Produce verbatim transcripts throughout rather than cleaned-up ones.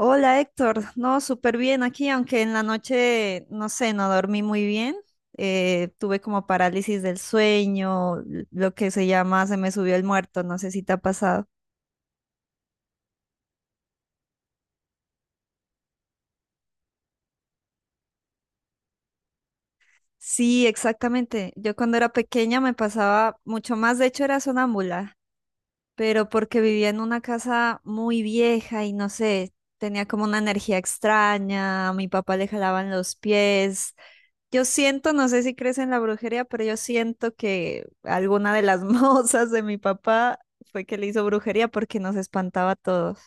Hola Héctor, no, súper bien aquí, aunque en la noche, no sé, no dormí muy bien. Eh, tuve como parálisis del sueño, l- lo que se llama se me subió el muerto, no sé si te ha pasado. Sí, exactamente. Yo cuando era pequeña me pasaba mucho más, de hecho era sonámbula, pero porque vivía en una casa muy vieja y no sé, tenía como una energía extraña, a mi papá le jalaban los pies. Yo siento, no sé si crees en la brujería, pero yo siento que alguna de las mozas de mi papá fue que le hizo brujería porque nos espantaba a todos.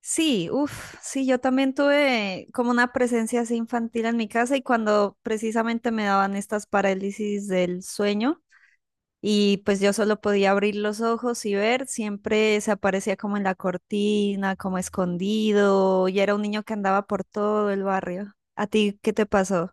Sí, uff, sí, yo también tuve como una presencia así infantil en mi casa y cuando precisamente me daban estas parálisis del sueño y pues yo solo podía abrir los ojos y ver, siempre se aparecía como en la cortina, como escondido y era un niño que andaba por todo el barrio. ¿A ti qué te pasó?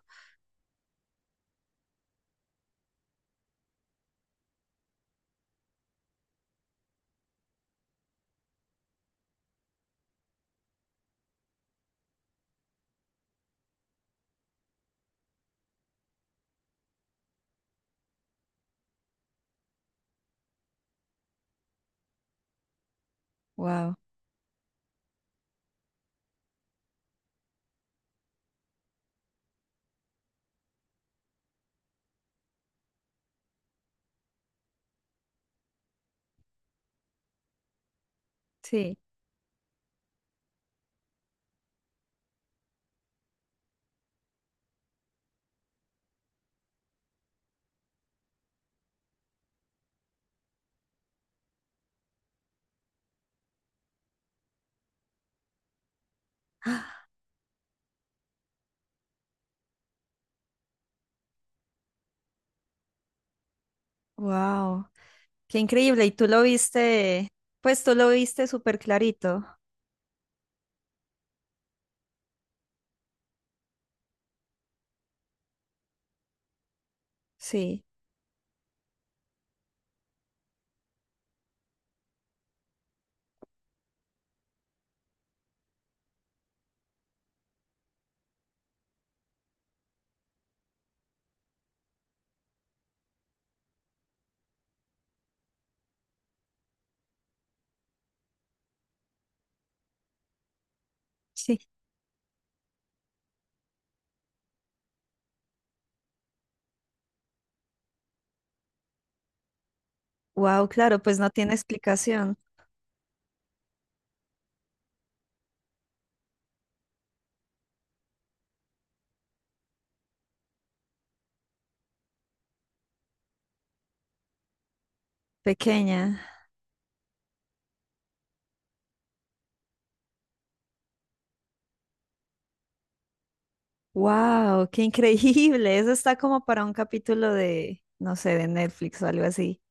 Wow, sí. Wow, qué increíble. Y tú lo viste, pues tú lo viste súper clarito. Sí, sí. Wow, claro, pues no tiene explicación. Pequeña. Wow, qué increíble. Eso está como para un capítulo de, no sé, de Netflix o algo así.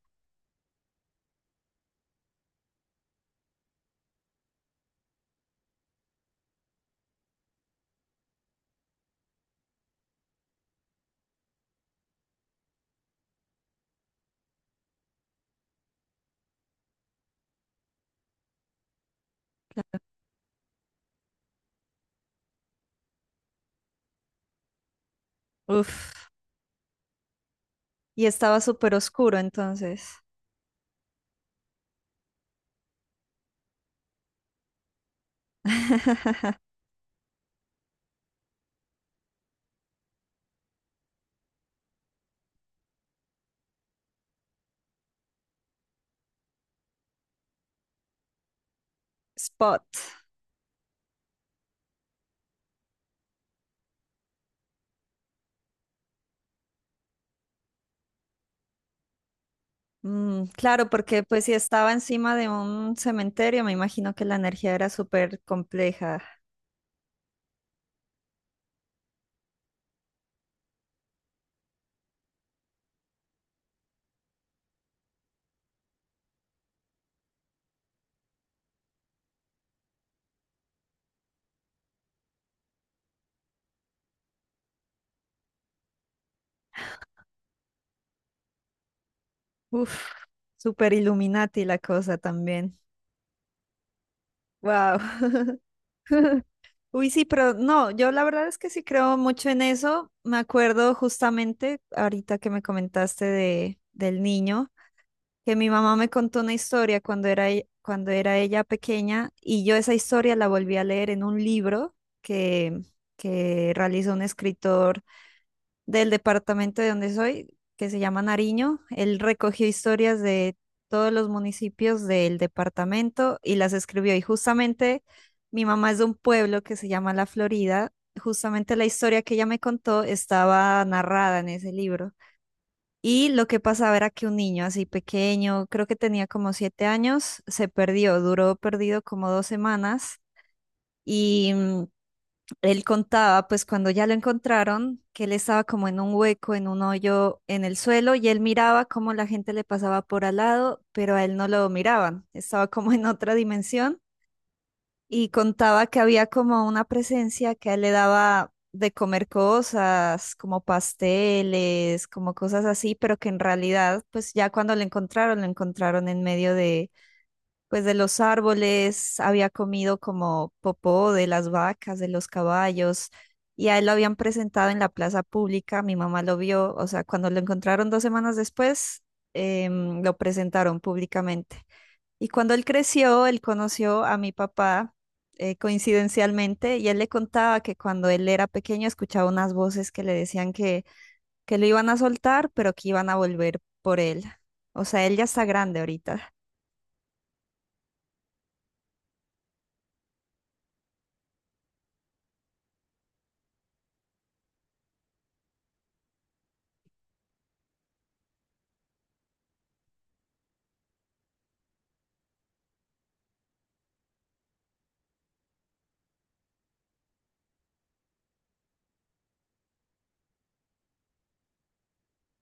Uf. Y estaba súper oscuro entonces. Spot. Mm, claro, porque pues si estaba encima de un cementerio, me imagino que la energía era súper compleja. Uf, super Illuminati la cosa también. Wow. Uy, sí, pero no, yo la verdad es que sí creo mucho en eso. Me acuerdo justamente ahorita que me comentaste de, del niño, que mi mamá me contó una historia cuando era, e- cuando era ella pequeña y yo esa historia la volví a leer en un libro que, que realizó un escritor del departamento de donde soy, que se llama Nariño. Él recogió historias de todos los municipios del departamento y las escribió. Y justamente mi mamá es de un pueblo que se llama La Florida. Justamente la historia que ella me contó estaba narrada en ese libro. Y lo que pasaba era que un niño así pequeño, creo que tenía como siete años, se perdió, duró perdido como dos semanas y mm, él contaba, pues cuando ya lo encontraron, que él estaba como en un hueco, en un hoyo en el suelo, y él miraba cómo la gente le pasaba por al lado, pero a él no lo miraban, estaba como en otra dimensión, y contaba que había como una presencia que a él le daba de comer cosas, como pasteles, como cosas así, pero que en realidad, pues ya cuando lo encontraron, lo encontraron en medio de pues de los árboles, había comido como popó de las vacas, de los caballos, y a él lo habían presentado en la plaza pública, mi mamá lo vio, o sea, cuando lo encontraron dos semanas después, em, lo presentaron públicamente. Y cuando él creció, él conoció a mi papá, eh, coincidencialmente, y él le contaba que cuando él era pequeño escuchaba unas voces que le decían que, que lo iban a soltar, pero que iban a volver por él. O sea, él ya está grande ahorita.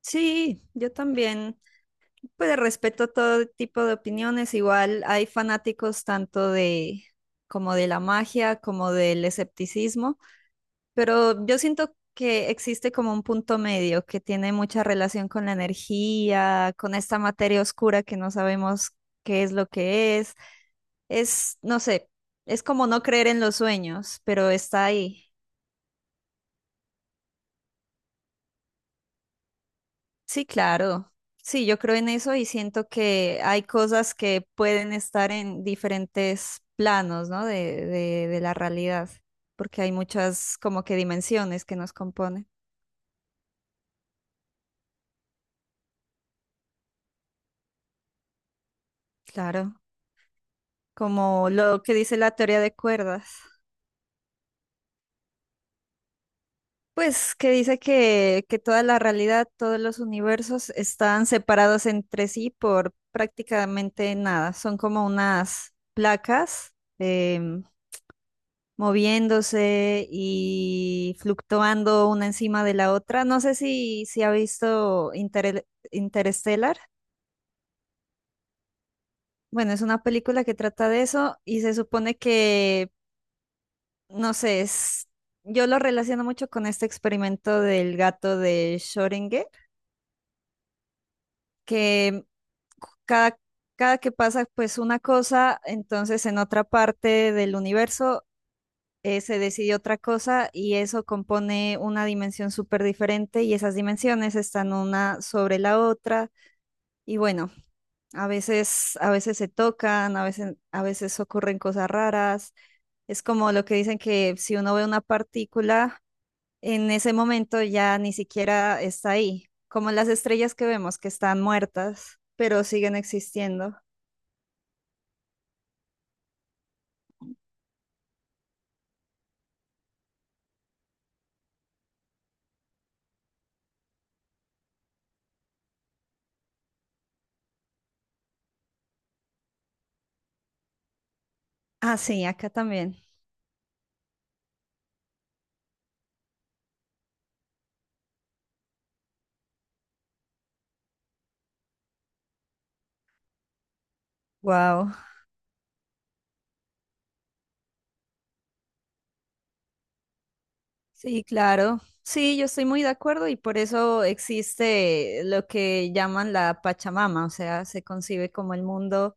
Sí, yo también. Pues de respeto todo tipo de opiniones, igual hay fanáticos tanto de como de la magia como del escepticismo, pero yo siento que existe como un punto medio que tiene mucha relación con la energía, con esta materia oscura que no sabemos qué es lo que es. Es, no sé, es como no creer en los sueños, pero está ahí. Sí, claro. Sí, yo creo en eso y siento que hay cosas que pueden estar en diferentes planos, ¿no? De, de, de la realidad, porque hay muchas como que dimensiones que nos componen. Claro, como lo que dice la teoría de cuerdas, pues que dice que, que toda la realidad, todos los universos están separados entre sí por prácticamente nada. Son como unas placas. em, Moviéndose y fluctuando una encima de la otra. No sé si, si ha visto Interel- Interstellar. Bueno, es una película que trata de eso y se supone que, no sé, es- Yo lo relaciono mucho con este experimento del gato de Schrödinger, que cada, cada que pasa pues una cosa, entonces en otra parte del universo eh, se decidió otra cosa y eso compone una dimensión súper diferente y esas dimensiones están una sobre la otra y bueno, a veces, a veces se tocan, a veces, a veces ocurren cosas raras. Es como lo que dicen que si uno ve una partícula, en ese momento ya ni siquiera está ahí, como las estrellas que vemos que están muertas, pero siguen existiendo. Ah, sí, acá también. Wow. Sí, claro. Sí, yo estoy muy de acuerdo y por eso existe lo que llaman la Pachamama, o sea, se concibe como el mundo,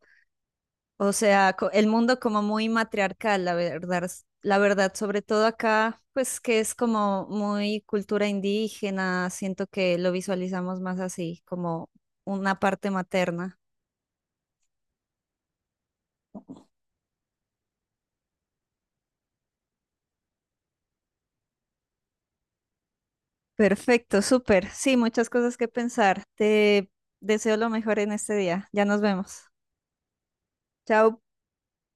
o sea, co- el mundo como muy matriarcal, la verdad, s- la verdad, sobre todo acá, pues que es como muy cultura indígena, siento que lo visualizamos más así, como una parte materna. Perfecto, súper. Sí, muchas cosas que pensar. Te deseo lo mejor en este día. Ya nos vemos. Chao.